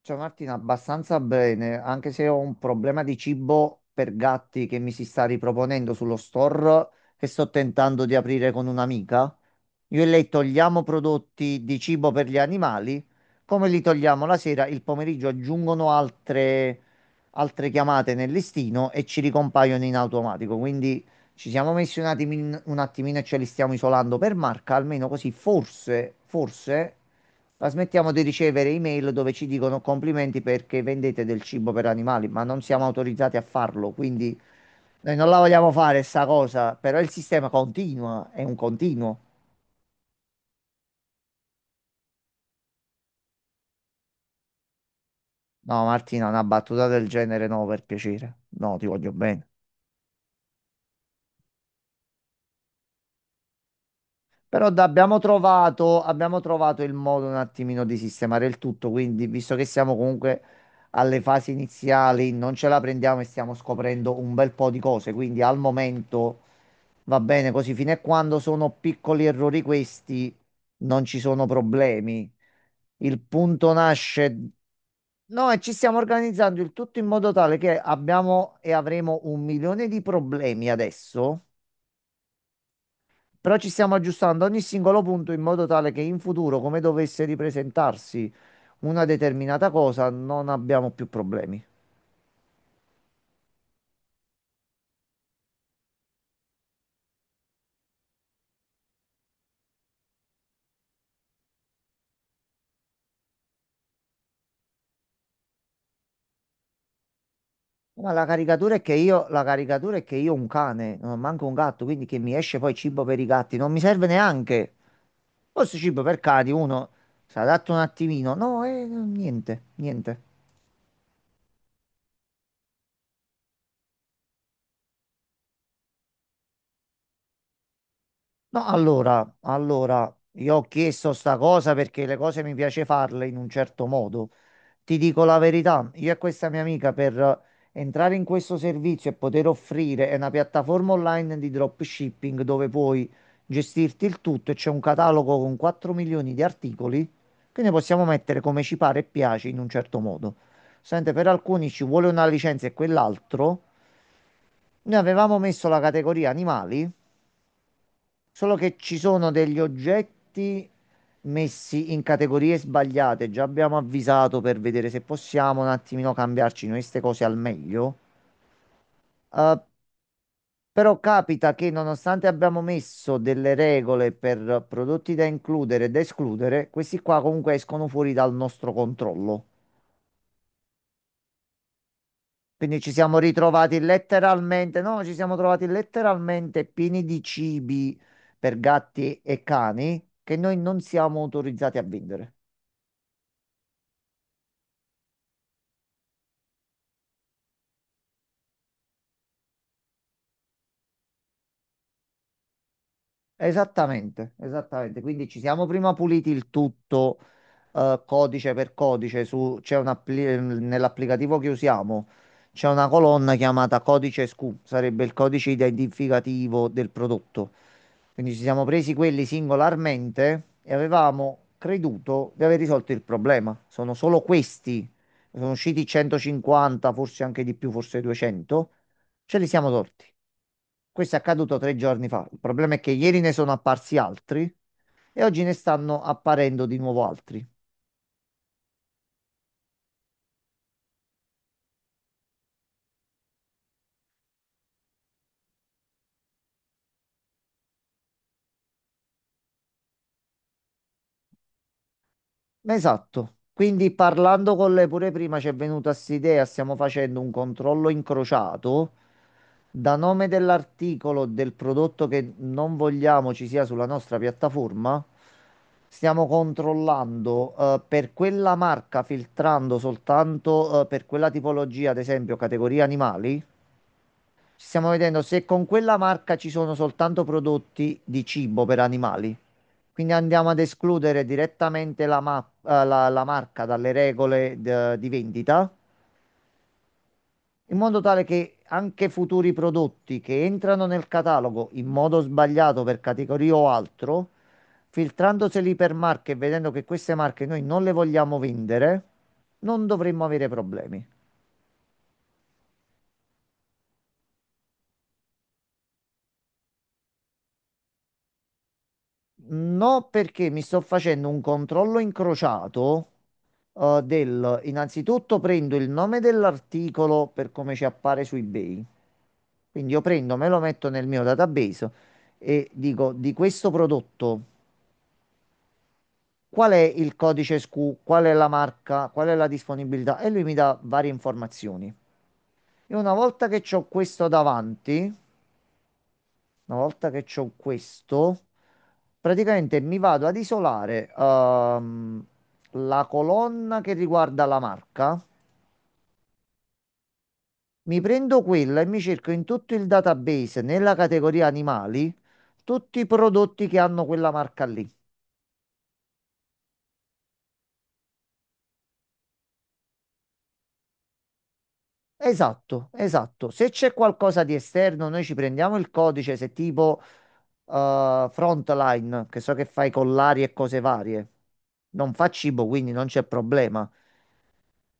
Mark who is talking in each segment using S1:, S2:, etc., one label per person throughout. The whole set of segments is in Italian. S1: Ciao Martina, abbastanza bene, anche se ho un problema di cibo per gatti che mi si sta riproponendo sullo store che sto tentando di aprire con un'amica. Io e lei togliamo prodotti di cibo per gli animali, come li togliamo la sera, il pomeriggio aggiungono altre chiamate nel listino e ci ricompaiono in automatico. Quindi ci siamo messi un attimino e ce li stiamo isolando per marca, almeno così forse, forse. Ma smettiamo di ricevere email dove ci dicono complimenti perché vendete del cibo per animali, ma non siamo autorizzati a farlo, quindi noi non la vogliamo fare sta cosa, però il sistema continua, è un continuo. No, Martina, una battuta del genere no, per piacere. No, ti voglio bene. Però abbiamo trovato il modo un attimino di sistemare il tutto, quindi visto che siamo comunque alle fasi iniziali, non ce la prendiamo e stiamo scoprendo un bel po' di cose, quindi al momento va bene così, fino a quando sono piccoli errori questi, non ci sono problemi. Il punto nasce. No, e ci stiamo organizzando il tutto in modo tale che abbiamo e avremo un milione di problemi adesso, però ci stiamo aggiustando ogni singolo punto in modo tale che in futuro, come dovesse ripresentarsi una determinata cosa, non abbiamo più problemi. Ma la caricatura è che io, la caricatura è che io ho un cane, non ho manco un gatto, quindi che mi esce poi cibo per i gatti, non mi serve neanche. Forse cibo per cani, uno si adatta un attimino. No, niente, niente. No, allora, io ho chiesto sta cosa perché le cose mi piace farle in un certo modo. Ti dico la verità, io e questa mia amica per entrare in questo servizio e poter offrire è una piattaforma online di dropshipping dove puoi gestirti il tutto e c'è un catalogo con 4 milioni di articoli che ne possiamo mettere come ci pare e piace in un certo modo. Sente, per alcuni ci vuole una licenza e quell'altro. Noi avevamo messo la categoria animali. Solo che ci sono degli oggetti messi in categorie sbagliate. Già abbiamo avvisato per vedere se possiamo un attimino cambiarci noi queste cose al meglio. Eh, però capita che nonostante abbiamo messo delle regole per prodotti da includere e da escludere, questi qua comunque escono fuori dal nostro controllo. Quindi ci siamo ritrovati letteralmente, no, ci siamo trovati letteralmente pieni di cibi per gatti e cani che noi non siamo autorizzati a vendere. Esattamente, esattamente. Quindi ci siamo prima puliti il tutto, codice per codice. Su, c'è un nell'applicativo che usiamo c'è una colonna chiamata codice SKU, sarebbe il codice identificativo del prodotto. Quindi ci siamo presi quelli singolarmente e avevamo creduto di aver risolto il problema. Sono solo questi, sono usciti 150, forse anche di più, forse 200. Ce li siamo tolti. Questo è accaduto 3 giorni fa. Il problema è che ieri ne sono apparsi altri e oggi ne stanno apparendo di nuovo altri. Esatto. Quindi parlando con lei pure prima ci è venuta st'idea, stiamo facendo un controllo incrociato da nome dell'articolo del prodotto che non vogliamo ci sia sulla nostra piattaforma. Stiamo controllando per quella marca, filtrando soltanto per quella tipologia, ad esempio categoria animali. Ci stiamo vedendo se con quella marca ci sono soltanto prodotti di cibo per animali. Quindi andiamo ad escludere direttamente la marca dalle regole di vendita, in modo tale che anche futuri prodotti che entrano nel catalogo in modo sbagliato per categoria o altro, filtrandoseli per marche e vedendo che queste marche noi non le vogliamo vendere, non dovremmo avere problemi. No, perché mi sto facendo un controllo incrociato. Innanzitutto prendo il nome dell'articolo per come ci appare su eBay. Quindi io prendo, me lo metto nel mio database e dico di questo prodotto qual è il codice SKU, qual è la marca, qual è la disponibilità e lui mi dà varie informazioni. E una volta che ho questo davanti, una volta che c'ho questo, praticamente mi vado ad isolare la colonna che riguarda la marca, mi prendo quella e mi cerco in tutto il database, nella categoria animali, tutti i prodotti che hanno quella marca lì. Esatto, esatto. Se c'è qualcosa di esterno, noi ci prendiamo il codice, se tipo Frontline, che so che fai collari e cose varie. Non fa cibo, quindi non c'è problema.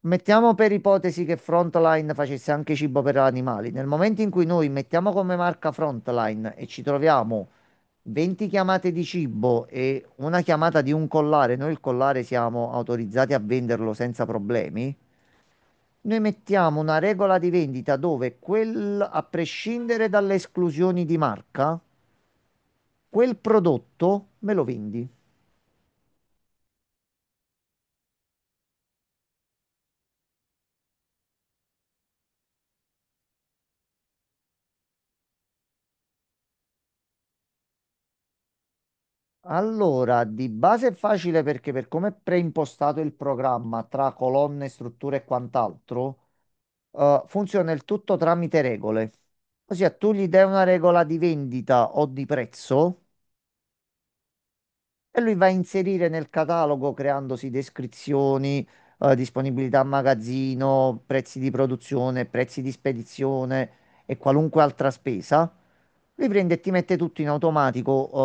S1: Mettiamo per ipotesi che Frontline facesse anche cibo per animali. Nel momento in cui noi mettiamo come marca Frontline e ci troviamo 20 chiamate di cibo e una chiamata di un collare, noi il collare siamo autorizzati a venderlo senza problemi. Noi mettiamo una regola di vendita dove quel, a prescindere dalle esclusioni di marca, quel prodotto me lo vendi. Allora, di base è facile perché per come è preimpostato il programma tra colonne, strutture e quant'altro, funziona il tutto tramite regole. Ossia, tu gli dai una regola di vendita o di prezzo, e lui va a inserire nel catalogo creandosi descrizioni, disponibilità a magazzino, prezzi di produzione, prezzi di spedizione e qualunque altra spesa. Lui prende e ti mette tutto in automatico,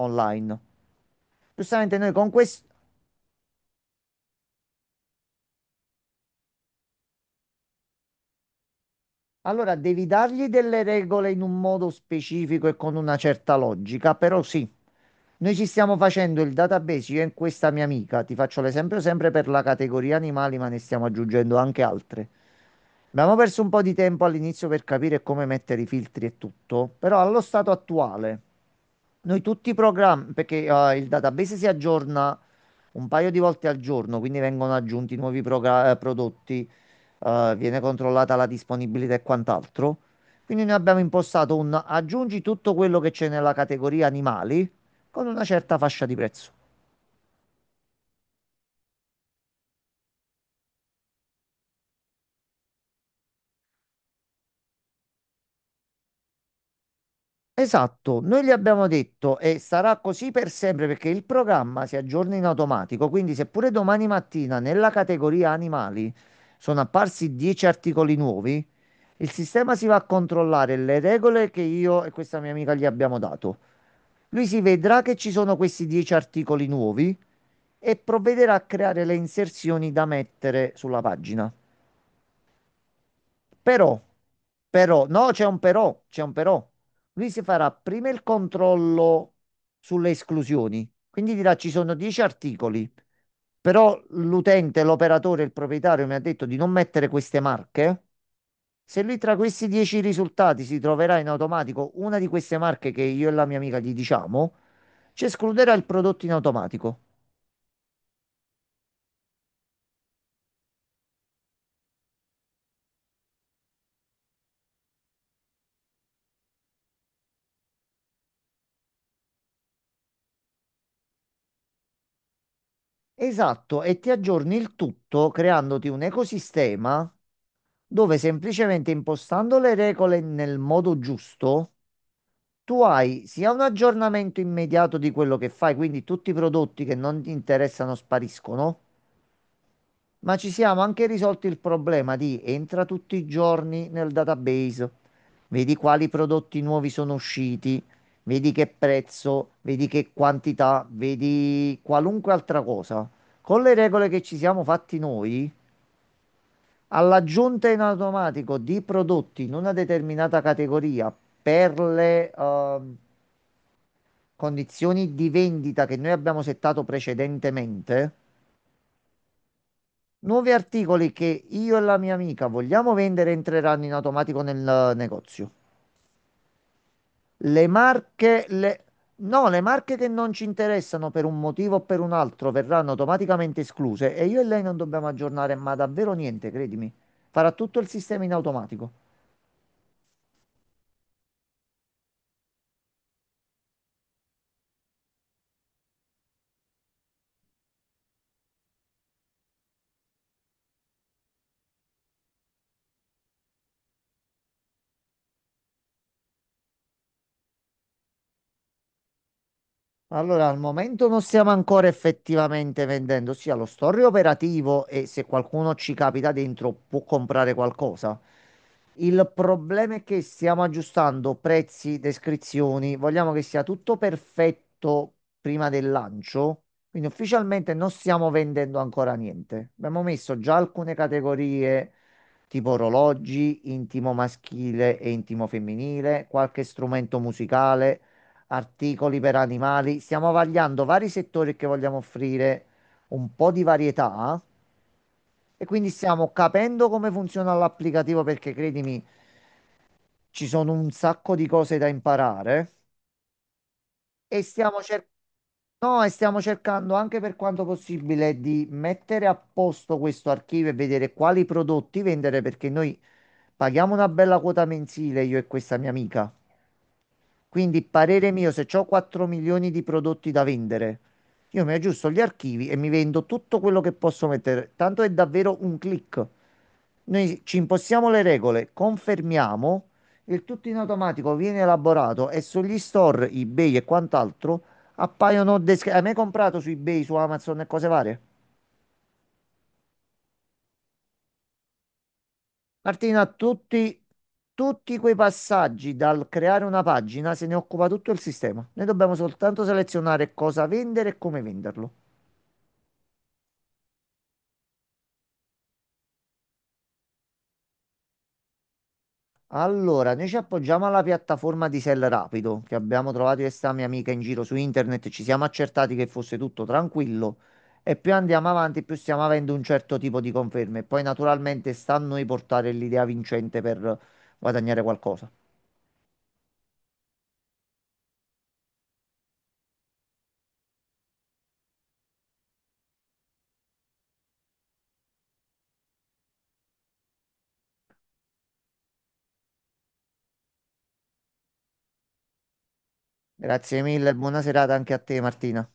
S1: online. Giustamente noi con questo. Allora, devi dargli delle regole in un modo specifico e con una certa logica, però sì, noi ci stiamo facendo il database, io e questa mia amica, ti faccio l'esempio sempre per la categoria animali, ma ne stiamo aggiungendo anche altre. Abbiamo perso un po' di tempo all'inizio per capire come mettere i filtri e tutto, però allo stato attuale. Noi tutti i programmi, perché il database si aggiorna un paio di volte al giorno, quindi vengono aggiunti nuovi prodotti, viene controllata la disponibilità e quant'altro. Quindi noi abbiamo impostato un aggiungi tutto quello che c'è nella categoria animali con una certa fascia di prezzo. Esatto, noi gli abbiamo detto e sarà così per sempre perché il programma si aggiorna in automatico, quindi seppure domani mattina nella categoria animali sono apparsi 10 articoli nuovi, il sistema si va a controllare le regole che io e questa mia amica gli abbiamo dato. Lui si vedrà che ci sono questi 10 articoli nuovi e provvederà a creare le inserzioni da mettere sulla pagina. Però, però, no, c'è un però. Lui si farà prima il controllo sulle esclusioni, quindi dirà ci sono 10 articoli, però l'utente, l'operatore, il proprietario mi ha detto di non mettere queste marche. Se lui tra questi 10 risultati si troverà in automatico una di queste marche che io e la mia amica gli diciamo, ci escluderà il prodotto in automatico. Esatto, e ti aggiorni il tutto creandoti un ecosistema dove semplicemente impostando le regole nel modo giusto, tu hai sia un aggiornamento immediato di quello che fai, quindi tutti i prodotti che non ti interessano spariscono, ma ci siamo anche risolti il problema di entra tutti i giorni nel database, vedi quali prodotti nuovi sono usciti, vedi che prezzo, vedi che quantità, vedi qualunque altra cosa. Con le regole che ci siamo fatti noi. All'aggiunta in automatico di prodotti in una determinata categoria per le condizioni di vendita che noi abbiamo settato precedentemente, nuovi articoli che io e la mia amica vogliamo vendere entreranno in automatico nel negozio. Le marche, le... No, le marche che non ci interessano per un motivo o per un altro verranno automaticamente escluse e io e lei non dobbiamo aggiornare, ma davvero niente, credimi. Farà tutto il sistema in automatico. Allora, al momento non stiamo ancora effettivamente vendendo, ossia lo store è operativo e se qualcuno ci capita dentro può comprare qualcosa. Il problema è che stiamo aggiustando prezzi, descrizioni, vogliamo che sia tutto perfetto prima del lancio, quindi ufficialmente non stiamo vendendo ancora niente. Abbiamo messo già alcune categorie tipo orologi, intimo maschile e intimo femminile, qualche strumento musicale, articoli per animali. Stiamo vagliando vari settori che vogliamo offrire un po' di varietà e quindi stiamo capendo come funziona l'applicativo perché credimi, ci sono un sacco di cose da imparare e stiamo cer- no, e stiamo cercando anche per quanto possibile di mettere a posto questo archivio e vedere quali prodotti vendere perché noi paghiamo una bella quota mensile io e questa mia amica. Quindi, parere mio, se ho 4 milioni di prodotti da vendere, io mi aggiusto gli archivi e mi vendo tutto quello che posso mettere. Tanto è davvero un click. Noi ci impostiamo le regole, confermiamo, il tutto in automatico viene elaborato e sugli store, eBay e quant'altro appaiono. Hai mai comprato su eBay, su Amazon e cose varie? Martina, tutti quei passaggi dal creare una pagina se ne occupa tutto il sistema. Noi dobbiamo soltanto selezionare cosa vendere e come venderlo. Allora, noi ci appoggiamo alla piattaforma di Sell Rapido che abbiamo trovato io e sta mia amica in giro su internet, ci siamo accertati che fosse tutto tranquillo e più andiamo avanti, più stiamo avendo un certo tipo di conferme. Poi naturalmente sta a noi portare l'idea vincente per guadagnare qualcosa. Grazie mille, buona serata anche a te, Martina.